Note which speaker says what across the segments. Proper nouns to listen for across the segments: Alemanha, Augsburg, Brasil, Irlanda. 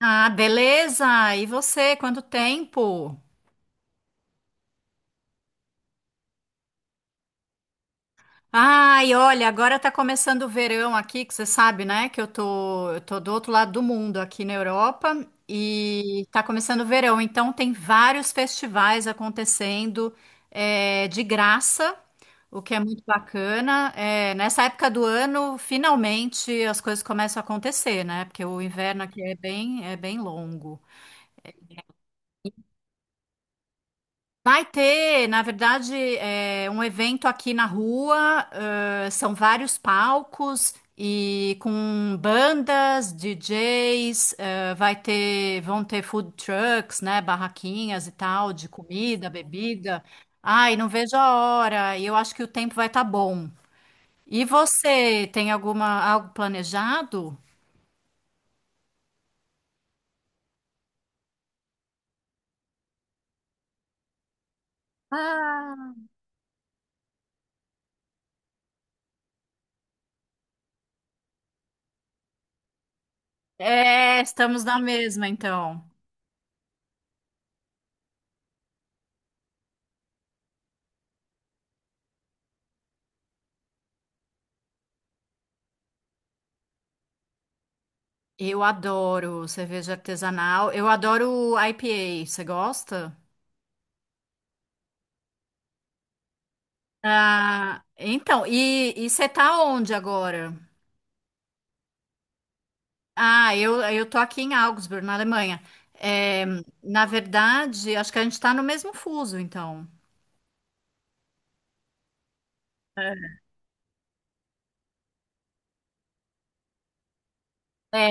Speaker 1: Ah, beleza! E você, quanto tempo? Ai, olha, agora tá começando o verão aqui, que você sabe, né? Que eu tô do outro lado do mundo, aqui na Europa, e tá começando o verão, então tem vários festivais acontecendo é, de graça, o que é muito bacana. É, nessa época do ano, finalmente as coisas começam a acontecer, né? Porque o inverno aqui é bem longo. Vai ter, na verdade, é, um evento aqui na rua. São vários palcos e com bandas, DJs. Vai ter, vão ter food trucks, né, barraquinhas e tal de comida, bebida. Ai, não vejo a hora. E eu acho que o tempo vai estar bom. E você tem alguma algo planejado? É, estamos na mesma, então. Eu adoro cerveja artesanal. Eu adoro IPA. Você gosta? Ah, então, e você tá onde agora? Ah, eu tô aqui em Augsburg, na Alemanha. É, na verdade, acho que a gente tá no mesmo fuso, então. É,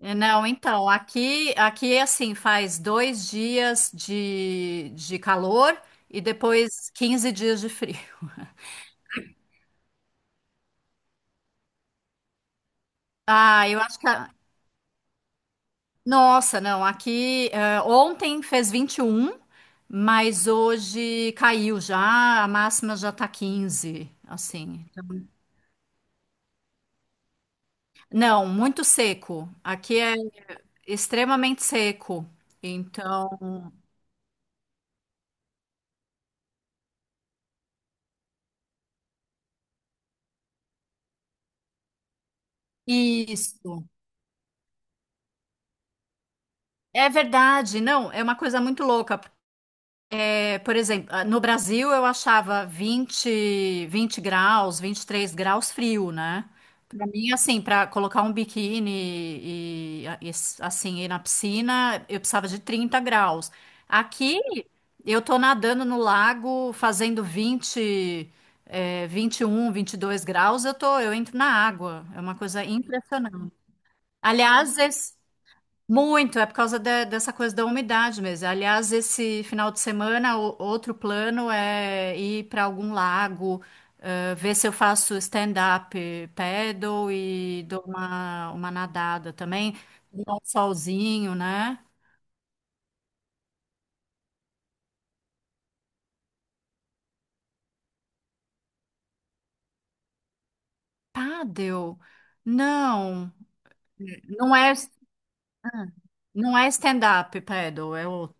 Speaker 1: é, não, então, aqui assim, faz 2 dias de calor e depois 15 dias de frio. Ah, eu acho que Nossa, não, aqui ontem fez 21, mas hoje caiu já, a máxima já tá 15, assim. Não, muito seco. Aqui é extremamente seco. Então, isso. É verdade, não, é uma coisa muito louca. É, por exemplo, ah, no Brasil eu achava 20, 20 graus, 23 graus frio, né? Para mim, assim, para colocar um biquíni assim ir na piscina, eu precisava de 30 graus. Aqui eu tô nadando no lago fazendo 20, é, 21, 22 graus, eu tô, eu entro na água. É uma coisa impressionante. Aliás, muito, é por causa dessa coisa da umidade mesmo. Aliás, esse final de semana, outro plano é ir para algum lago, ver se eu faço stand-up paddle e dou uma nadada também. Dar um solzinho, né? Paddle? Não, não é, ah, não é stand-up paddle, é outro.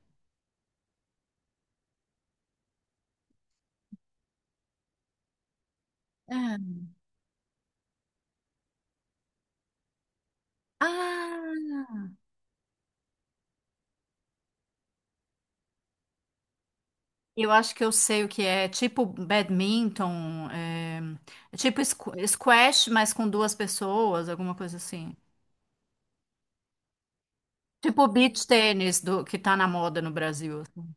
Speaker 1: É. Ah! Eu acho que eu sei o que é tipo badminton, é tipo squash, mas com duas pessoas, alguma coisa assim. Tipo beach tênis do que tá na moda no Brasil. Assim.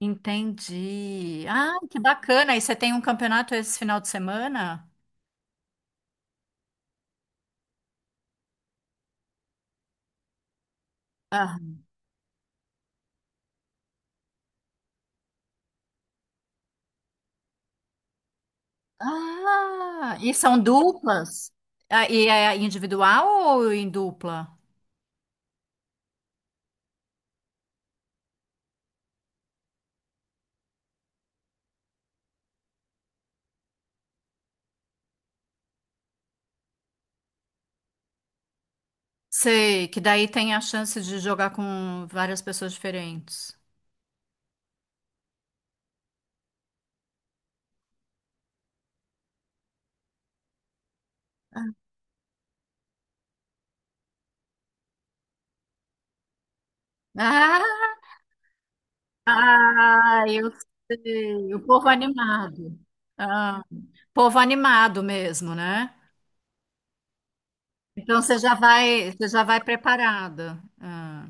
Speaker 1: Entendi. Ah, que bacana. E você tem um campeonato esse final de semana? Ah, ah, e são duplas? Ah, e é individual ou em dupla? Sei, que daí tem a chance de jogar com várias pessoas diferentes. Ah. Ah, eu sei. O povo animado. Ah, povo animado mesmo, né? Então você já vai preparada. Ah.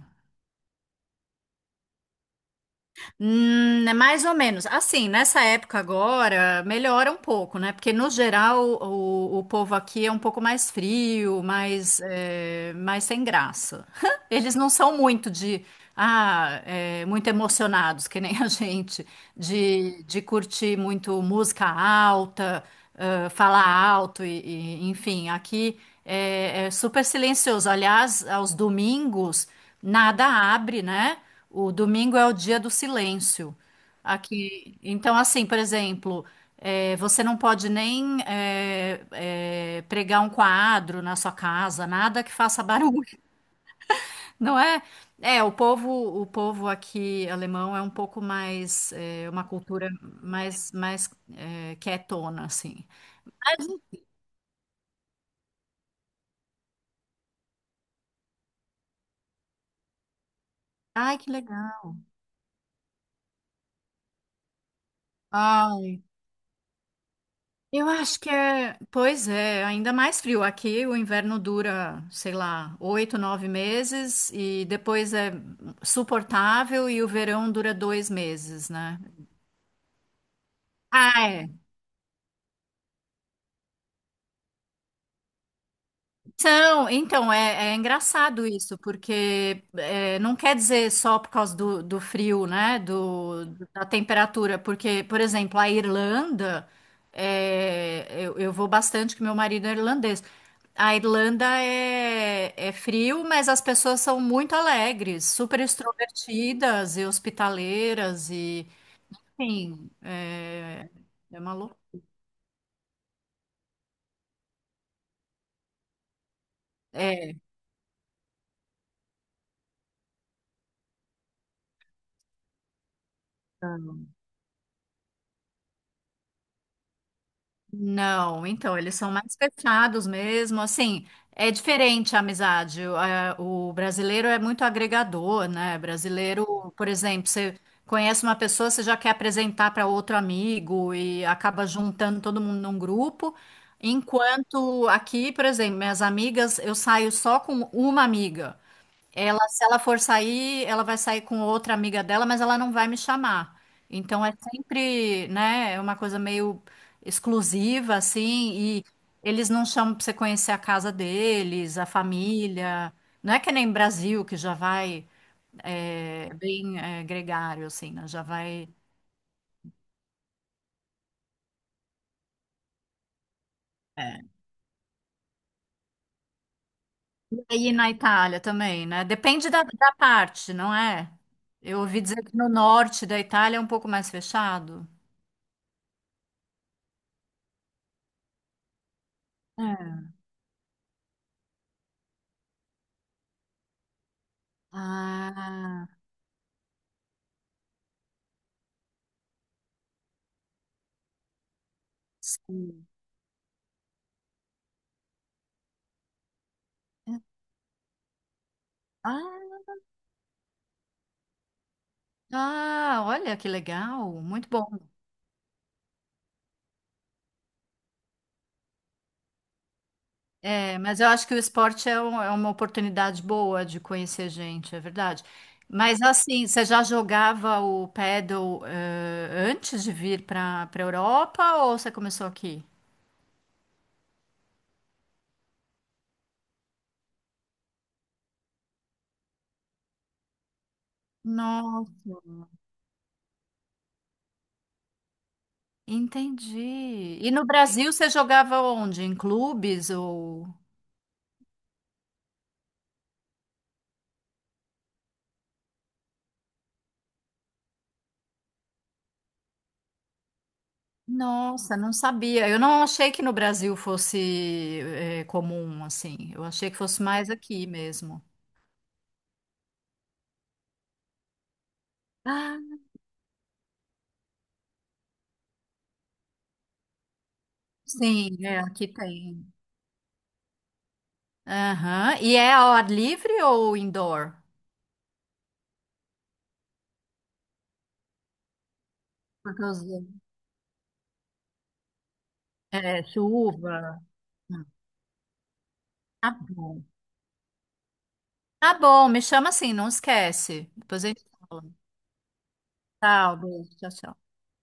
Speaker 1: É mais ou menos. Assim, nessa época agora melhora um pouco, né? Porque no geral o povo aqui é um pouco mais frio, mais, é, mais sem graça. Eles não são muito de muito emocionados, que nem a gente, de curtir muito música alta, falar alto, enfim, aqui é super silencioso. Aliás, aos domingos, nada abre, né? O domingo é o dia do silêncio. Aqui, então, assim, por exemplo, você não pode nem pregar um quadro na sua casa, nada que faça barulho. Não é? É, o povo aqui alemão é um pouco mais, é, uma cultura mais é, quietona, assim. Ai, que legal. Ai, eu acho que é, pois é, ainda mais frio. Aqui o inverno dura, sei lá, 8, 9 meses e depois é suportável e o verão dura 2 meses, né? Ah, é. Então é engraçado isso, porque é, não quer dizer só por causa do frio, né? Do, da temperatura, porque, por exemplo, a Irlanda, é, eu vou bastante, que meu marido é irlandês. A Irlanda é frio, mas as pessoas são muito alegres, super extrovertidas e hospitaleiras, e enfim, é uma loucura. Não, então, eles são mais fechados mesmo, assim, é diferente a amizade. O brasileiro é muito agregador, né? Brasileiro, por exemplo, você conhece uma pessoa, você já quer apresentar para outro amigo e acaba juntando todo mundo num grupo. Enquanto aqui, por exemplo, minhas amigas, eu saio só com uma amiga. Ela, se ela for sair, ela vai sair com outra amiga dela, mas ela não vai me chamar. Então é sempre, né, é uma coisa meio exclusiva, assim, e eles não chamam pra você conhecer a casa deles, a família. Não é que nem Brasil, que já vai é, bem é, gregário, assim, né? Já vai. É. E na Itália também, né? Depende da parte, não é? Eu ouvi dizer que no norte da Itália é um pouco mais fechado. É. Ah, sim. Ah, ah, olha que legal, muito bom. É, mas eu acho que o esporte é, é uma oportunidade boa de conhecer gente, é verdade. Mas assim, você já jogava o paddle, antes de vir para Europa ou você começou aqui? Não, entendi. E no Brasil você jogava onde? Em clubes ou? Nossa, não sabia. Eu não achei que no Brasil fosse, comum assim. Eu achei que fosse mais aqui mesmo. Sim, é, aqui tem. Aham. E é ao ar livre ou indoor? Por causa é, chuva. Hum, Tá bom. Tá bom, me chama assim, não esquece. Depois a gente fala. Tchau, beijo, tchau, tchau.